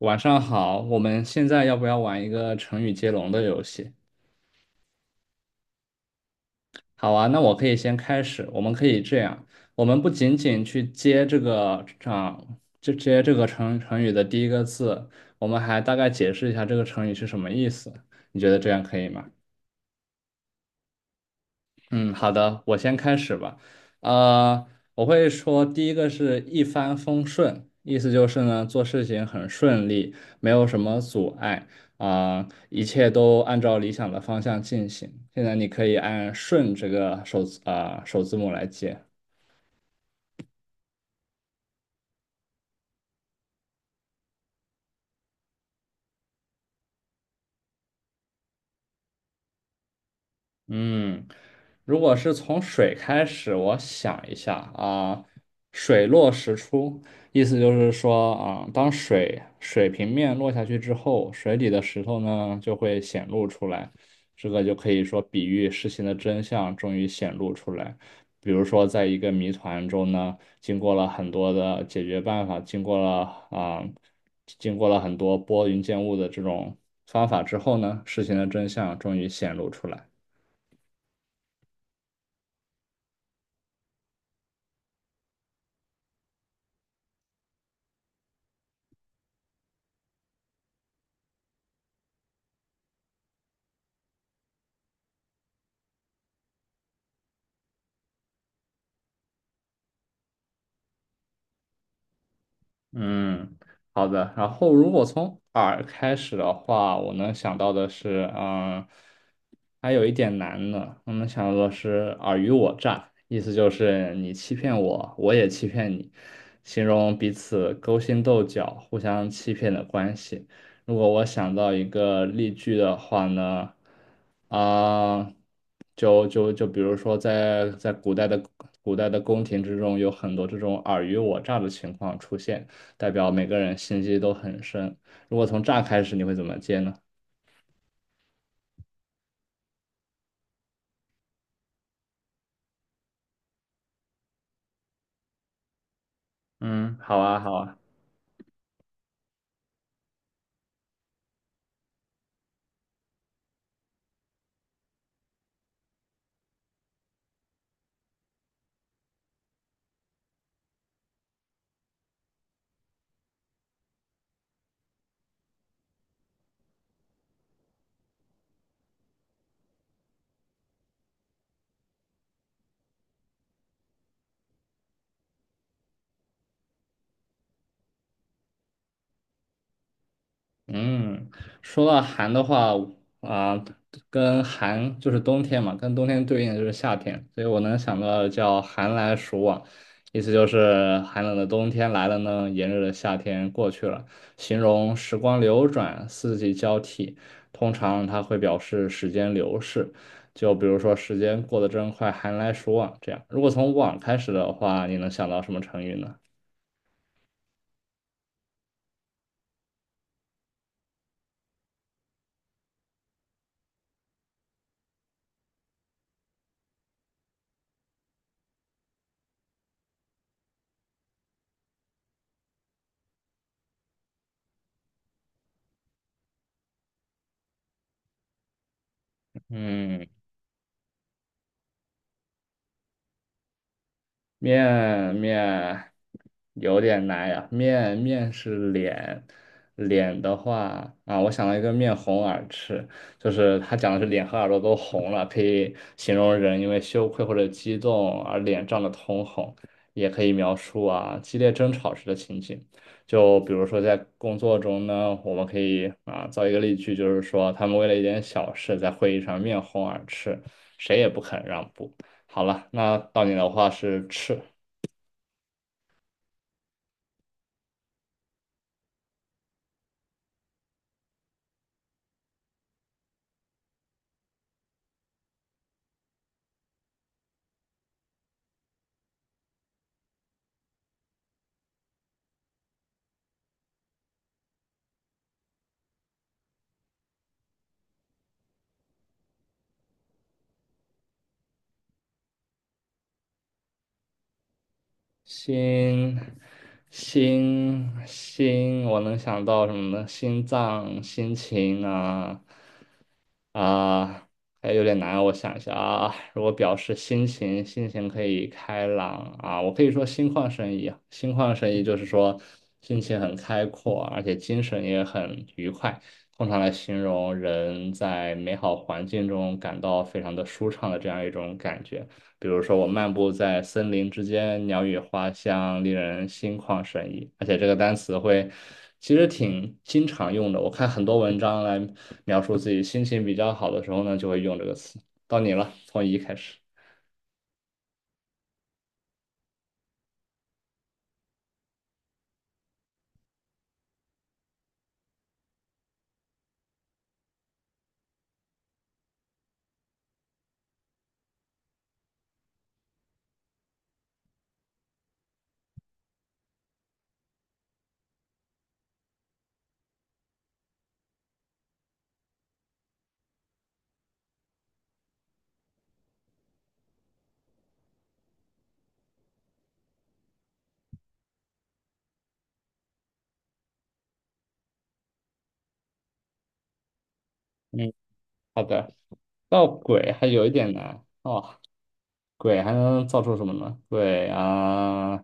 晚上好，我们现在要不要玩一个成语接龙的游戏？好啊，那我可以先开始。我们可以这样，我们不仅仅去接这个啊，就接这个成语的第一个字，我们还大概解释一下这个成语是什么意思。你觉得这样可以吗？嗯，好的，我先开始吧。呃，我会说第一个是一帆风顺，意思就是呢，做事情很顺利，没有什么阻碍啊，一切都按照理想的方向进行。现在你可以按"顺"这个首字母来接。嗯，如果是从水开始，我想一下啊，水落石出，意思就是说啊，当水平面落下去之后，水里的石头呢就会显露出来，这个就可以说比喻事情的真相终于显露出来。比如说，在一个谜团中呢，经过了很多的解决办法，经过了很多拨云见雾的这种方法之后呢，事情的真相终于显露出来。嗯，好的。然后如果从耳开始的话，我能想到的是，嗯，还有一点难呢。我们想到的是尔虞我诈，意思就是你欺骗我，我也欺骗你，形容彼此勾心斗角、互相欺骗的关系。如果我想到一个例句的话呢，啊、就比如说在古代的宫廷之中，有很多这种尔虞我诈的情况出现。代表每个人心机都很深。如果从这儿开始，你会怎么接呢？嗯，好啊，好啊。嗯，说到寒的话，啊、跟寒就是冬天嘛，跟冬天对应的就是夏天，所以我能想到的叫寒来暑往，意思就是寒冷的冬天来了呢，炎热的夏天过去了，形容时光流转，四季交替，通常它会表示时间流逝，就比如说时间过得真快，寒来暑往这样。如果从往开始的话，你能想到什么成语呢？嗯。面有点难呀，面是脸，脸的话啊，我想到一个面红耳赤，就是他讲的是脸和耳朵都红了，可以形容人因为羞愧或者激动而脸涨得通红，也可以描述啊激烈争吵时的情景。就比如说在工作中呢，我们可以啊造一个例句，就是说他们为了一点小事在会议上面红耳赤，谁也不肯让步。好了，那到你的话是赤，心，心，我能想到什么呢？心脏、心情啊啊，还有点难啊，我想一下啊。如果表示心情，心情可以开朗啊，我可以说心旷神怡啊心旷神怡就是说心情很开阔，而且精神也很愉快，通常来形容人在美好环境中感到非常的舒畅的这样一种感觉。比如说，我漫步在森林之间，鸟语花香，令人心旷神怡。而且这个单词会其实挺经常用的，我看很多文章来描述自己心情比较好的时候呢，就会用这个词。到你了，从一开始。嗯，好的。造鬼还有一点难哦，鬼还能造出什么呢？鬼啊，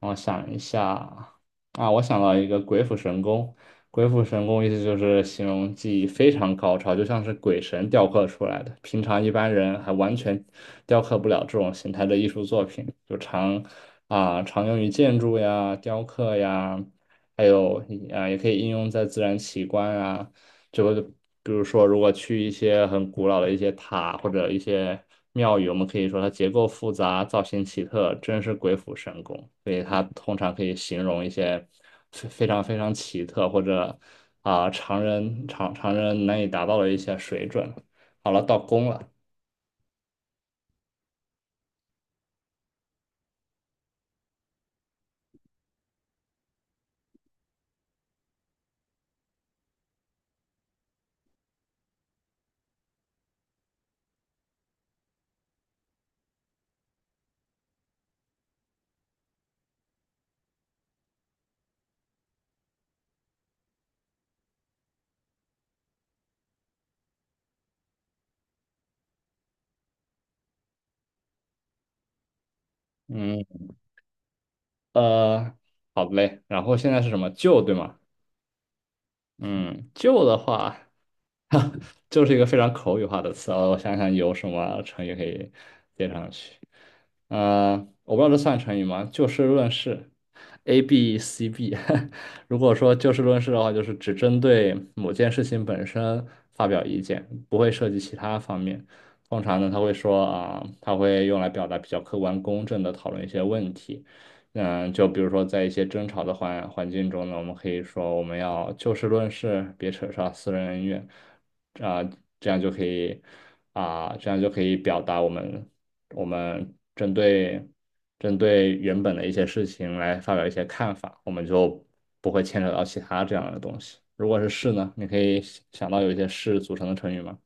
我想一下啊，我想到一个鬼斧神工。鬼斧神工意思就是形容技艺非常高超，就像是鬼神雕刻出来的，平常一般人还完全雕刻不了这种形态的艺术作品，就常用于建筑呀、雕刻呀，还有啊也可以应用在自然奇观啊。就比如说，如果去一些很古老的一些塔或者一些庙宇，我们可以说它结构复杂、造型奇特，真是鬼斧神工。所以它通常可以形容一些非常奇特或者常人难以达到的一些水准。好了，到宫了，嗯呃，好嘞。然后现在是什么旧对吗？嗯，旧的话。就是一个非常口语化的词啊。我想想有什么成语可以接上去。嗯，我不知道这算成语吗？就事论事，A B C B。如果说就事论事的话，就是只针对某件事情本身发表意见，不会涉及其他方面。通常呢，他会用来表达比较客观公正的讨论一些问题。嗯，就比如说在一些争吵的环境中呢，我们可以说我们要就事论事，别扯上私人恩怨，啊、这样就可以这样就可以表达我们针对原本的一些事情来发表一些看法，我们就不会牵扯到其他这样的东西。如果是事呢，你可以想到有一些事组成的成语吗？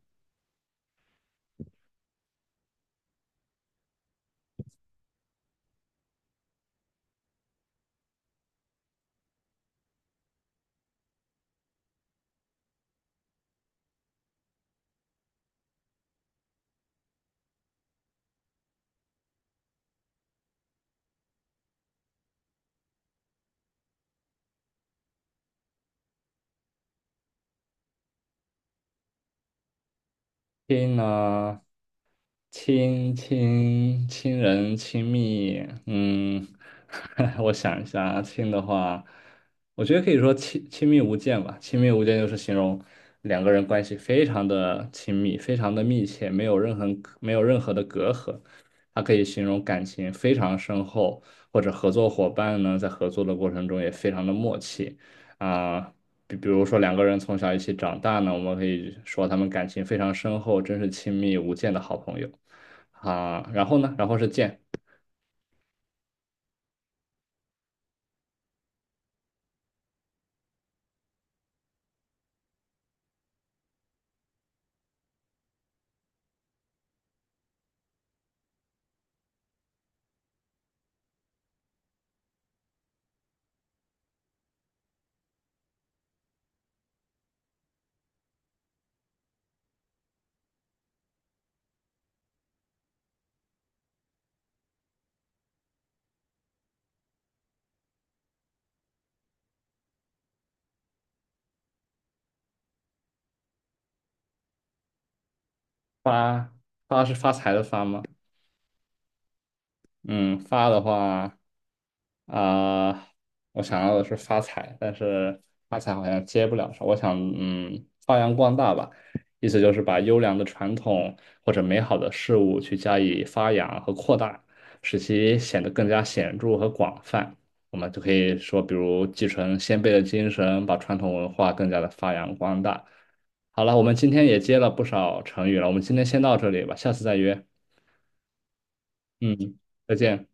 亲呢，亲人亲密，嗯，我想一下啊，亲的话，我觉得可以说亲密无间吧。亲密无间就是形容两个人关系非常的亲密，非常的密切，没有任何的隔阂。它可以形容感情非常深厚，或者合作伙伴呢在合作的过程中也非常的默契啊。比如说两个人从小一起长大呢，我们可以说他们感情非常深厚，真是亲密无间的好朋友啊。然后呢，然后是见发发是发财的发吗？嗯，发的话啊、我想要的是发财，但是发财好像接不了手我想，嗯，发扬光大吧，意思就是把优良的传统或者美好的事物去加以发扬和扩大，使其显得更加显著和广泛。我们就可以说，比如继承先辈的精神，把传统文化更加的发扬光大。好了，我们今天也接了不少成语了，我们今天先到这里吧，下次再约。嗯，再见。